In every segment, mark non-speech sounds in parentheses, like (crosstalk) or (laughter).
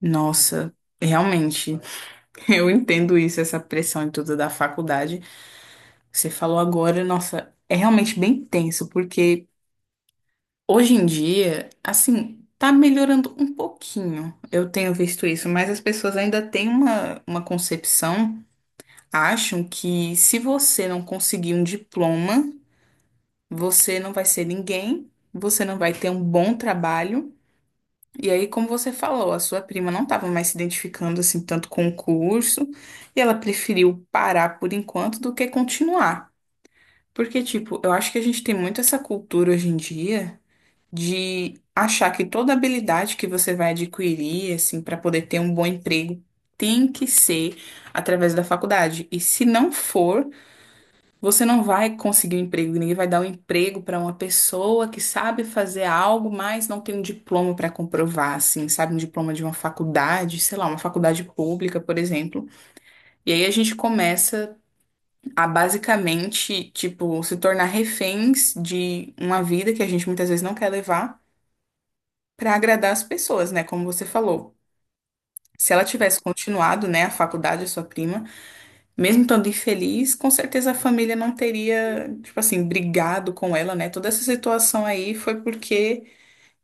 Nossa, realmente, (laughs) eu entendo isso, essa pressão e tudo da faculdade. Você falou agora, nossa, é realmente bem tenso, porque hoje em dia, assim, tá melhorando um pouquinho. Eu tenho visto isso, mas as pessoas ainda têm uma concepção, acham que se você não conseguir um diploma, você não vai ser ninguém, você não vai ter um bom trabalho. E aí, como você falou, a sua prima não estava mais se identificando assim tanto com o curso, e ela preferiu parar por enquanto do que continuar. Porque, tipo, eu acho que a gente tem muito essa cultura hoje em dia de achar que toda habilidade que você vai adquirir, assim, para poder ter um bom emprego, tem que ser através da faculdade. E se não for, você não vai conseguir um emprego, ninguém vai dar um emprego para uma pessoa que sabe fazer algo, mas não tem um diploma para comprovar, assim, sabe? Um diploma de uma faculdade, sei lá, uma faculdade pública, por exemplo. E aí a gente começa a basicamente, tipo, se tornar reféns de uma vida que a gente muitas vezes não quer levar para agradar as pessoas, né? Como você falou. Se ela tivesse continuado, né, a faculdade, a sua prima. Mesmo estando infeliz, com certeza a família não teria, tipo assim, brigado com ela, né? Toda essa situação aí foi porque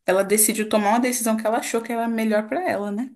ela decidiu tomar uma decisão que ela achou que era melhor pra ela, né?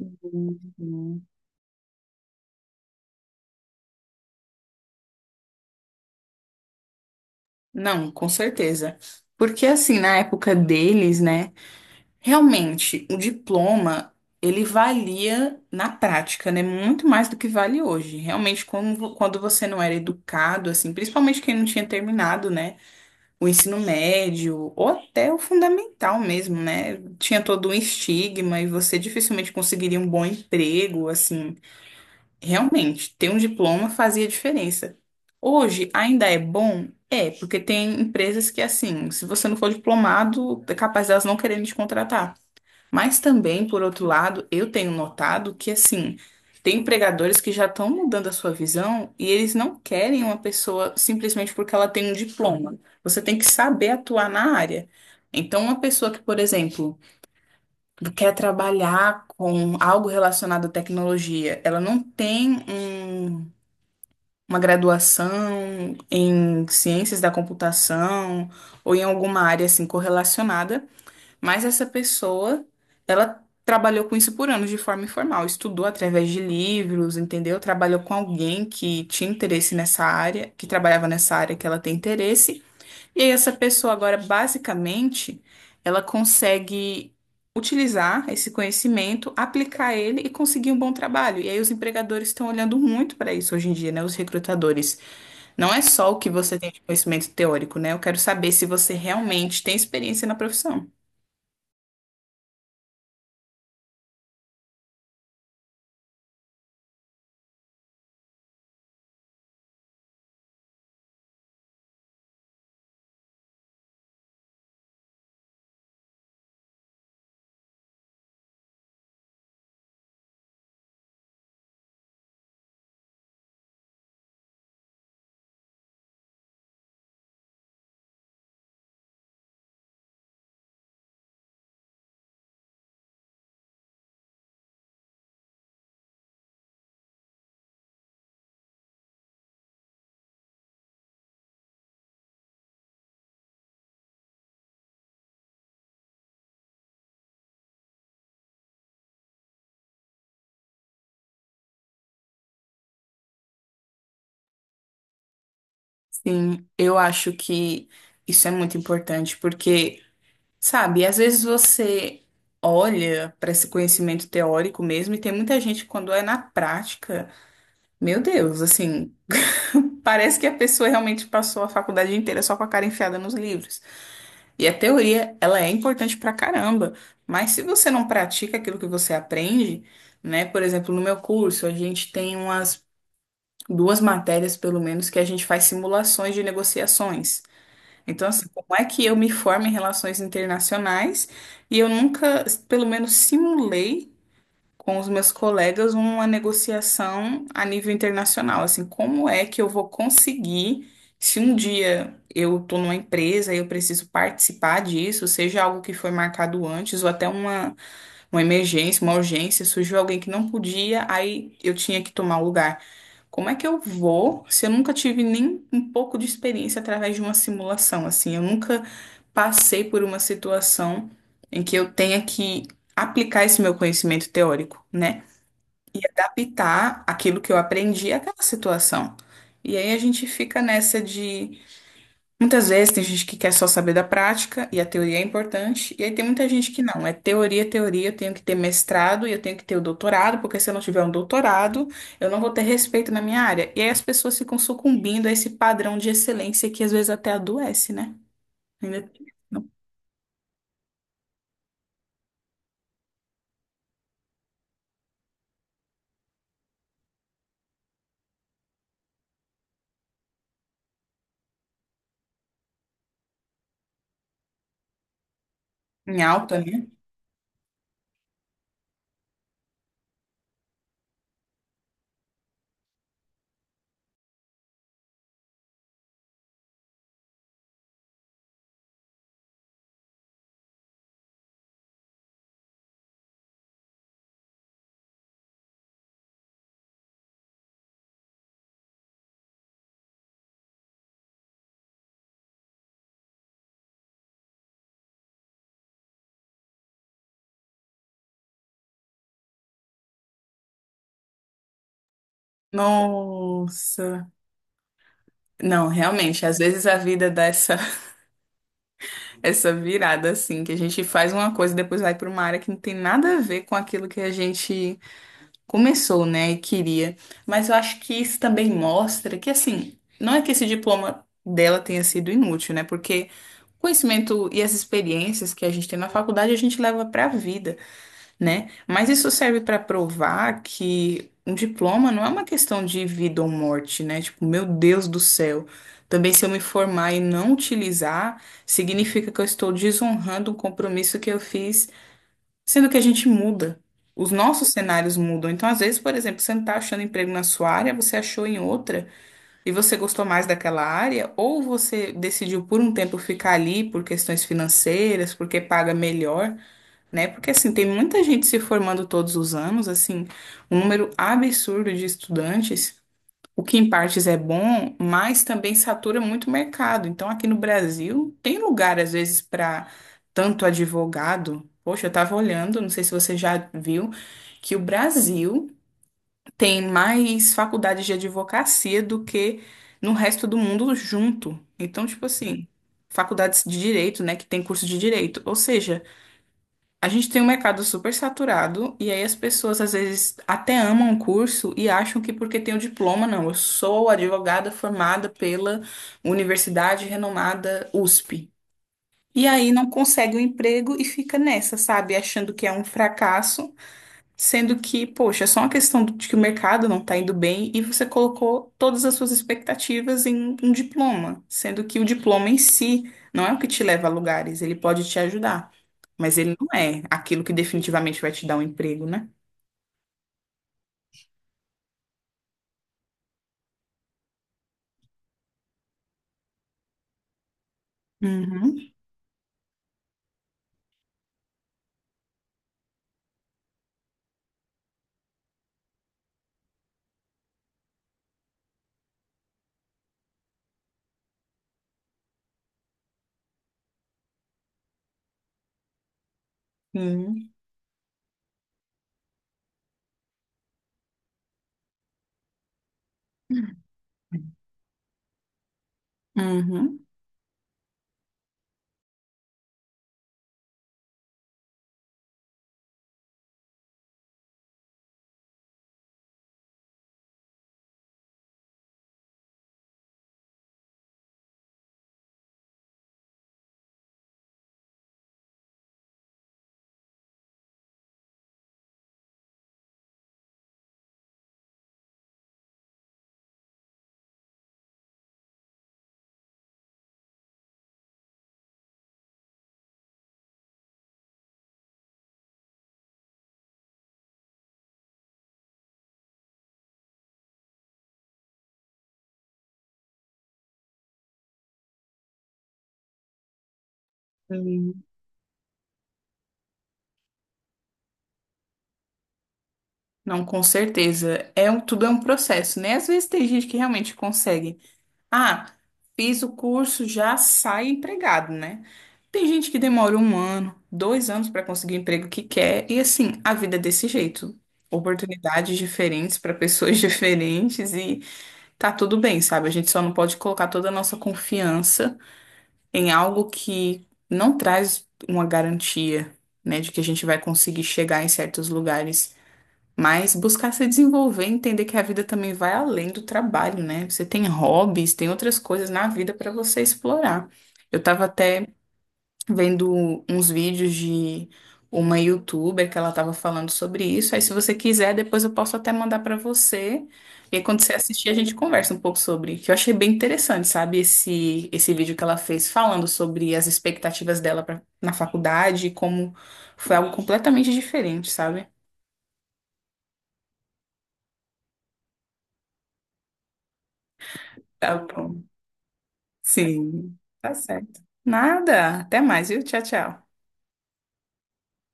Uhum. Não, com certeza. Porque assim, na época deles, né, realmente o diploma ele valia na prática, né, muito mais do que vale hoje. Realmente, quando você não era educado, assim, principalmente quem não tinha terminado, né? O ensino médio ou até o fundamental mesmo, né? Tinha todo um estigma e você dificilmente conseguiria um bom emprego, assim. Realmente, ter um diploma fazia diferença. Hoje ainda é bom? É, porque tem empresas que, assim, se você não for diplomado, é capaz delas não quererem te contratar. Mas também, por outro lado, eu tenho notado que, assim, tem empregadores que já estão mudando a sua visão e eles não querem uma pessoa simplesmente porque ela tem um diploma. Você tem que saber atuar na área. Então, uma pessoa que, por exemplo, quer trabalhar com algo relacionado à tecnologia, ela não tem uma graduação em ciências da computação ou em alguma área assim correlacionada. Mas essa pessoa, ela trabalhou com isso por anos de forma informal, estudou através de livros, entendeu? Trabalhou com alguém que tinha interesse nessa área, que trabalhava nessa área que ela tem interesse. E aí essa pessoa agora, basicamente, ela consegue utilizar esse conhecimento, aplicar ele e conseguir um bom trabalho. E aí os empregadores estão olhando muito para isso hoje em dia, né? Os recrutadores. Não é só o que você tem de conhecimento teórico, né? Eu quero saber se você realmente tem experiência na profissão. Sim, eu acho que isso é muito importante, porque, sabe, às vezes você olha para esse conhecimento teórico mesmo, e tem muita gente, quando é na prática, meu Deus, assim, (laughs) parece que a pessoa realmente passou a faculdade inteira só com a cara enfiada nos livros. E a teoria, ela é importante pra caramba, mas se você não pratica aquilo que você aprende, né, por exemplo, no meu curso, a gente tem umas duas matérias, pelo menos, que a gente faz simulações de negociações. Então, assim, como é que eu me formo em relações internacionais e eu nunca, pelo menos, simulei com os meus colegas uma negociação a nível internacional? Assim, como é que eu vou conseguir, se um dia eu estou numa empresa e eu preciso participar disso, seja algo que foi marcado antes ou até uma emergência, uma urgência, surgiu alguém que não podia, aí eu tinha que tomar o lugar. Como é que eu vou se eu nunca tive nem um pouco de experiência através de uma simulação, assim? Eu nunca passei por uma situação em que eu tenha que aplicar esse meu conhecimento teórico, né? E adaptar aquilo que eu aprendi àquela situação. E aí a gente fica nessa de muitas vezes tem gente que quer só saber da prática e a teoria é importante, e aí tem muita gente que não, é teoria, teoria, eu tenho que ter mestrado e eu tenho que ter o doutorado, porque se eu não tiver um doutorado, eu não vou ter respeito na minha área. E aí as pessoas ficam sucumbindo a esse padrão de excelência que às vezes até adoece, né? Ainda tem isso. Em alta, né? Nossa. Não, realmente, às vezes a vida dá essa, (laughs) essa virada assim, que a gente faz uma coisa e depois vai para uma área que não tem nada a ver com aquilo que a gente começou, né, e queria. Mas eu acho que isso também mostra que, assim, não é que esse diploma dela tenha sido inútil, né? Porque o conhecimento e as experiências que a gente tem na faculdade a gente leva para a vida, né? Mas isso serve para provar que um diploma não é uma questão de vida ou morte, né? Tipo, meu Deus do céu. Também se eu me formar e não utilizar, significa que eu estou desonrando um compromisso que eu fiz. Sendo que a gente muda. Os nossos cenários mudam. Então, às vezes, por exemplo, você não está achando emprego na sua área, você achou em outra e você gostou mais daquela área, ou você decidiu por um tempo ficar ali por questões financeiras, porque paga melhor, né? Porque assim, tem muita gente se formando todos os anos, assim, um número absurdo de estudantes. O que em partes é bom, mas também satura muito o mercado. Então, aqui no Brasil, tem lugar, às vezes, para tanto advogado. Poxa, eu estava olhando, não sei se você já viu, que o Brasil tem mais faculdades de advocacia do que no resto do mundo junto. Então, tipo assim, faculdades de direito, né, que tem curso de direito. Ou seja, a gente tem um mercado super saturado e aí as pessoas às vezes até amam o curso e acham que porque tem o diploma, não, eu sou advogada formada pela universidade renomada USP. E aí não consegue o emprego e fica nessa, sabe? Achando que é um fracasso. Sendo que, poxa, é só uma questão de que o mercado não está indo bem e você colocou todas as suas expectativas em um diploma, sendo que o diploma em si não é o que te leva a lugares, ele pode te ajudar, mas ele não é aquilo que definitivamente vai te dar um emprego, né? Uhum. Sim. Uhum. Sim. Não, com certeza. É um, tudo é um processo, né? Às vezes tem gente que realmente consegue. Ah, fiz o curso, já sai empregado, né? Tem gente que demora um ano, dois anos para conseguir o emprego que quer, e assim, a vida é desse jeito. Oportunidades diferentes para pessoas (laughs) diferentes e tá tudo bem, sabe? A gente só não pode colocar toda a nossa confiança em algo que não traz uma garantia, né, de que a gente vai conseguir chegar em certos lugares. Mas buscar se desenvolver, entender que a vida também vai além do trabalho, né? Você tem hobbies, tem outras coisas na vida para você explorar. Eu tava até vendo uns vídeos de uma youtuber que ela tava falando sobre isso. Aí, se você quiser, depois eu posso até mandar para você. E aí, quando você assistir, a gente conversa um pouco sobre. Que eu achei bem interessante, sabe? Esse vídeo que ela fez falando sobre as expectativas dela pra, na faculdade, e como foi algo completamente diferente, sabe? Tá bom. Sim, tá certo. Nada. Até mais, viu? Tchau, tchau.